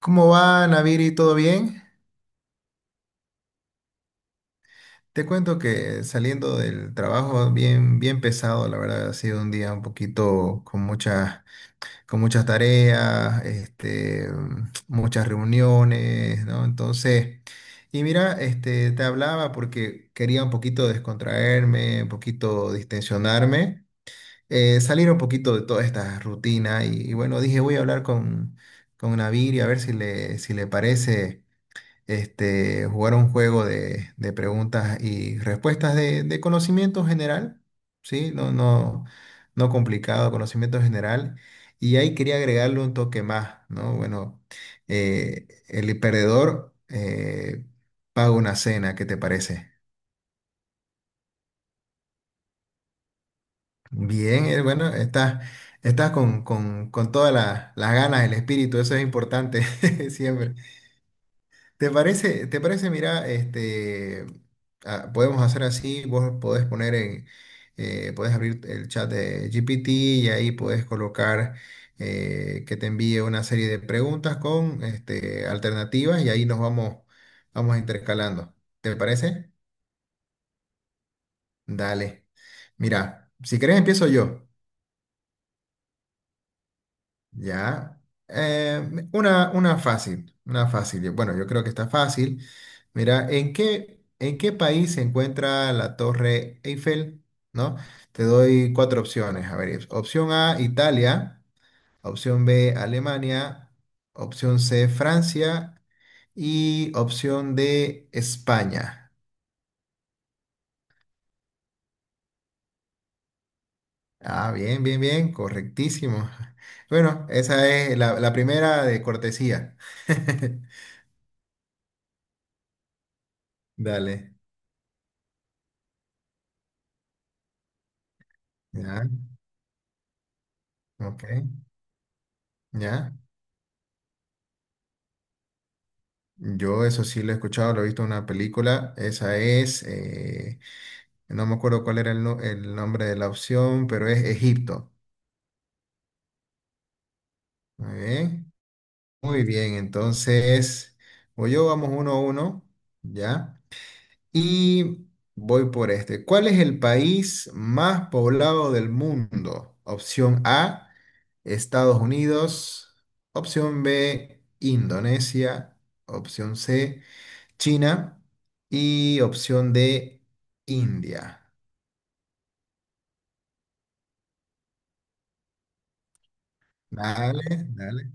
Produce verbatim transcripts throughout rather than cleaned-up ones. ¿Cómo va, Naviri? ¿Todo bien? Te cuento que saliendo del trabajo bien, bien pesado, la verdad, ha sido un día un poquito con muchas, con muchas tareas, este, muchas reuniones, ¿no? Entonces, y mira, este, te hablaba porque quería un poquito descontraerme, un poquito distensionarme, eh, salir un poquito de toda esta rutina y, y bueno, dije, voy a hablar con, con Naviri a ver si le, si le parece. este, jugar un juego de, de preguntas y respuestas de, de conocimiento general, ¿sí? No, no, no complicado, conocimiento general. Y ahí quería agregarle un toque más, ¿no? Bueno, eh, el perdedor eh, paga una cena, ¿qué te parece? Bien, eh, bueno, estás, estás con, con, con todas la- las ganas, el espíritu, eso es importante siempre. ¿Te parece, te parece, mira, este, ah, podemos hacer así, vos podés poner en, eh, podés abrir el chat de G P T y ahí podés colocar eh, que te envíe una serie de preguntas con este, alternativas y ahí nos vamos, vamos intercalando. ¿Te parece? Dale. Mira, si querés empiezo yo. Ya. Eh, una, una fácil, una fácil. Yo- Bueno, yo creo que está fácil. Mira, ¿en qué, ¿en qué país se encuentra la Torre Eiffel? ¿No? Te doy cuatro opciones. A ver, opción A, Italia. Opción B, Alemania. Opción C, Francia. Y opción D, España. Ah, bien, bien, bien, correctísimo. Bueno, esa es la, la primera de cortesía. Dale. Ya. Ok, ya. Yo eso sí lo he escuchado, lo he visto en una película. Esa es, eh, no me acuerdo cuál era el, no- el nombre de la opción, pero es Egipto. Muy bien. Muy bien, entonces, voy yo, vamos uno a uno, ¿ya? Y voy por este. ¿Cuál es el país más poblado del mundo? Opción A, Estados Unidos. Opción B, Indonesia. Opción C. China y opción de India. Dale, dale.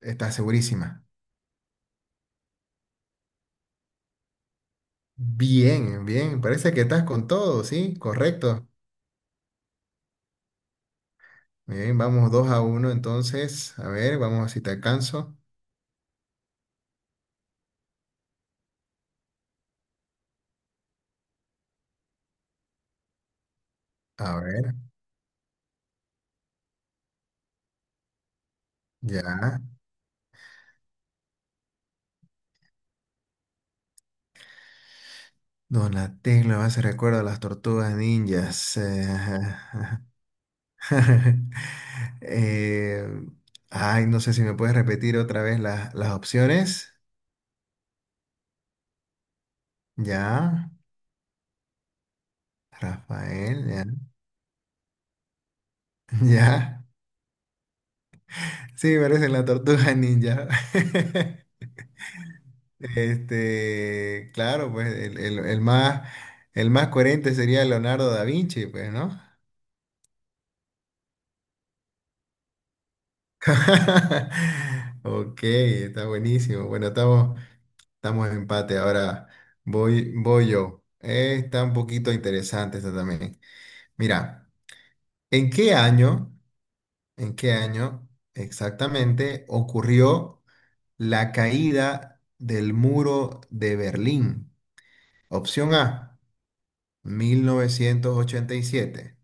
Estás segurísima. Bien, bien. Parece que estás con todo, ¿sí? Correcto. Bien, vamos dos a uno entonces. A ver, vamos a ver si te alcanzo. A ver, ya. Donatello me hace recuerdo a las tortugas ninjas. Eh, eh, ay, no sé si me puedes repetir otra vez la- las opciones. Ya, Rafael, ya. Ya, sí, parecen la tortuga ninja. Este, claro, pues el, el- el más, el más coherente sería Leonardo da Vinci, pues, ¿no? Ok, está buenísimo. Bueno, estamos, estamos en empate. Ahora voy, voy yo. Eh, está un poquito interesante esta también. Mira, ¿en qué año, ¿en qué año exactamente ocurrió la caída del muro de Berlín? Opción A, mil novecientos ochenta y siete.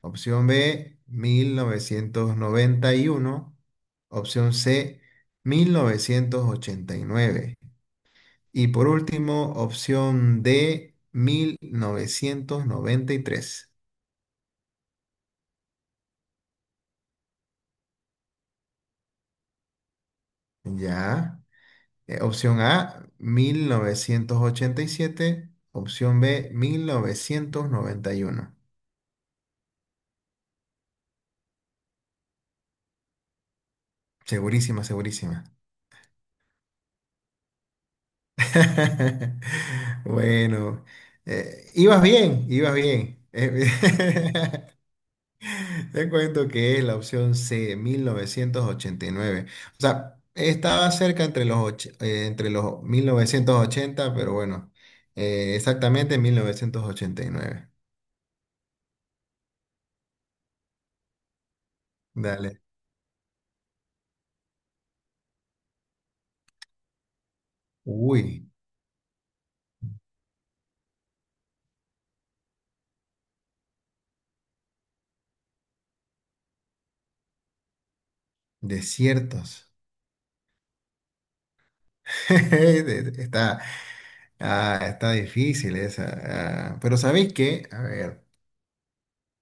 Opción B, mil novecientos noventa y uno. Opción C, mil novecientos ochenta y nueve. Y por último, opción D, mil novecientos noventa y tres. Ya. Eh, opción A, mil novecientos ochenta y siete. Opción B, mil novecientos noventa y uno. Segurísima, segurísima. Bueno, eh, ibas bien, ibas bien. Eh, te cuento que es la opción C, mil novecientos ochenta y nueve. O sea, estaba cerca entre los, och- eh, entre los mil novecientos ochenta, pero bueno, eh, exactamente mil novecientos ochenta y nueve. Dale. Uy, desiertos. Está, ah, está difícil esa. ah, pero ¿sabéis qué? A ver.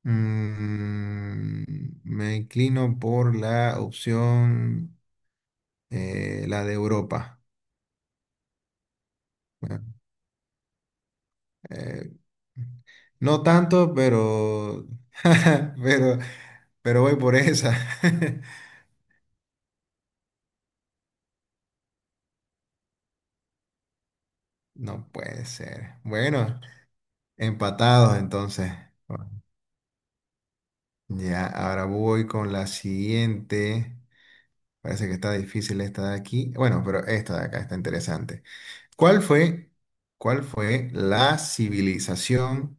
Mm, me inclino por la opción, eh, la de Europa. Bueno, eh, no tanto, pero, pero, pero voy por esa. No puede ser. Bueno, empatados entonces. Bueno, ya, ahora voy con la siguiente. Parece que está difícil esta de aquí. Bueno, pero esta de acá está interesante. ¿Cuál fue, ¿Cuál fue la civilización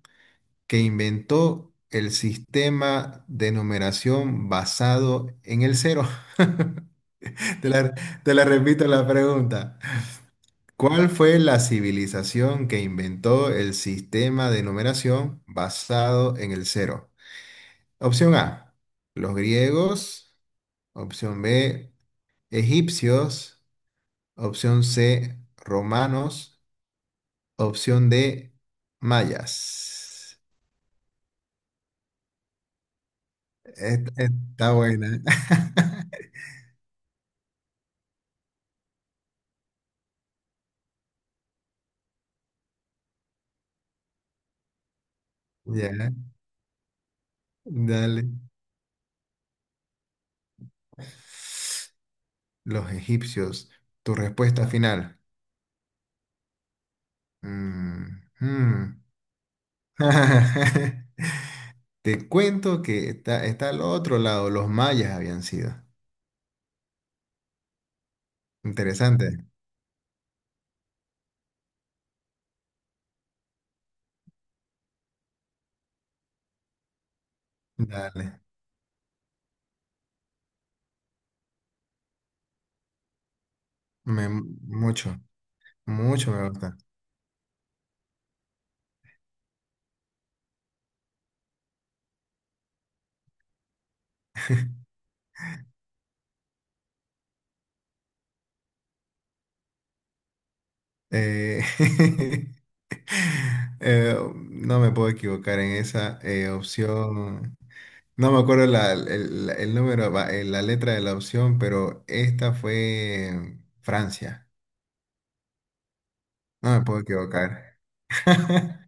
que inventó el sistema de numeración basado en el cero? Te la, Te la repito la pregunta. ¿Cuál fue la civilización que inventó el sistema de numeración basado en el cero? Opción A, los griegos. Opción B, egipcios. Opción C, romanos. Opción D, mayas. Es- Está buena. Ya. Dale. Los egipcios. Tu respuesta final. Mm, mm. Te cuento que está, está al otro lado. Los mayas habían sido. Interesante. Dale. Me- mucho, mucho me gusta. Eh, eh, no me puedo equivocar en esa eh, opción. No me acuerdo la- el, el número, va- eh, la letra de la opción, pero esta fue Francia. No me puedo equivocar.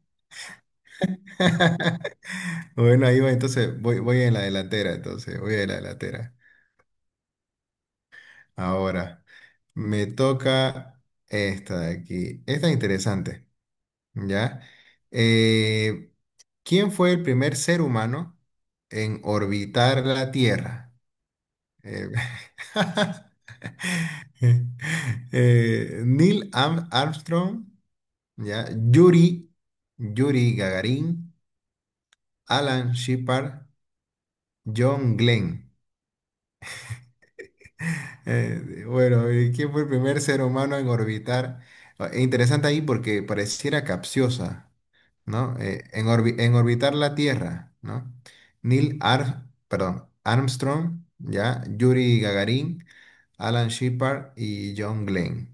Bueno, ahí va, entonces voy, voy en la delantera, entonces voy en la delantera. Ahora, me toca esta de aquí. Esta es interesante, ¿ya? Eh, ¿quién fue el primer ser humano en orbitar la Tierra? Eh, eh, Neil Am- Armstrong, ¿ya? Yuri, Yuri Gagarin, Alan Shepard, John Glenn. Eh, bueno, eh, ¿quién fue el primer ser humano en orbitar? Eh, interesante ahí porque pareciera capciosa, ¿no? Eh, en, orbi- en orbitar la Tierra, ¿no? Neil Ar- perdón, Armstrong, ¿ya? Yuri Gagarin, Alan Shepard y John Glenn.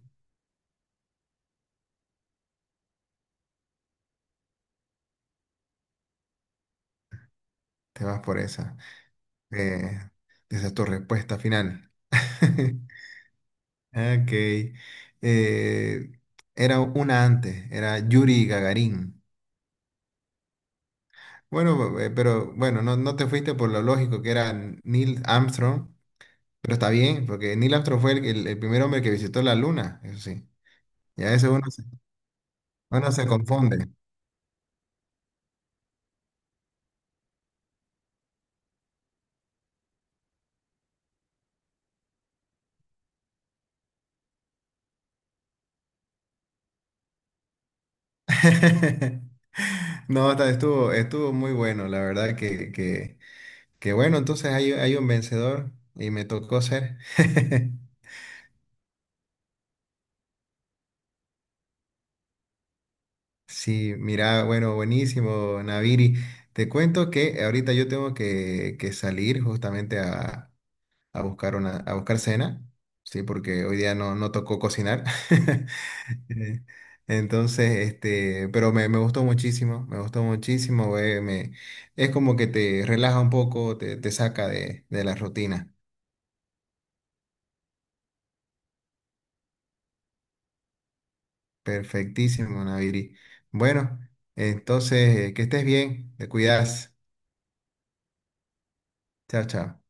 Te vas por esa. Eh, esa es tu respuesta final. Ok. Eh, era una antes, era Yuri Gagarin. Bueno, eh, pero bueno, no, no te fuiste por lo lógico que era Neil Armstrong, pero está bien, porque Neil Armstrong fue el, el- el primer hombre que visitó la luna, eso sí. Y a veces uno se, uno se confunde. No, está- estuvo, estuvo muy bueno, la verdad que, que que bueno, entonces hay, hay un vencedor y me tocó ser. Sí, mira, bueno, buenísimo, Naviri. Te cuento que ahorita yo tengo que, que salir justamente a, a buscar una, a buscar cena, sí, porque hoy día no, no tocó cocinar. Eh, Entonces, este, pero me, me gustó muchísimo, me gustó muchísimo, güey, me, es como que te relaja un poco, te, te saca de, de la rutina. Perfectísimo, Naviri. Bueno, entonces, eh, que estés bien, te cuidas. Chao, chao.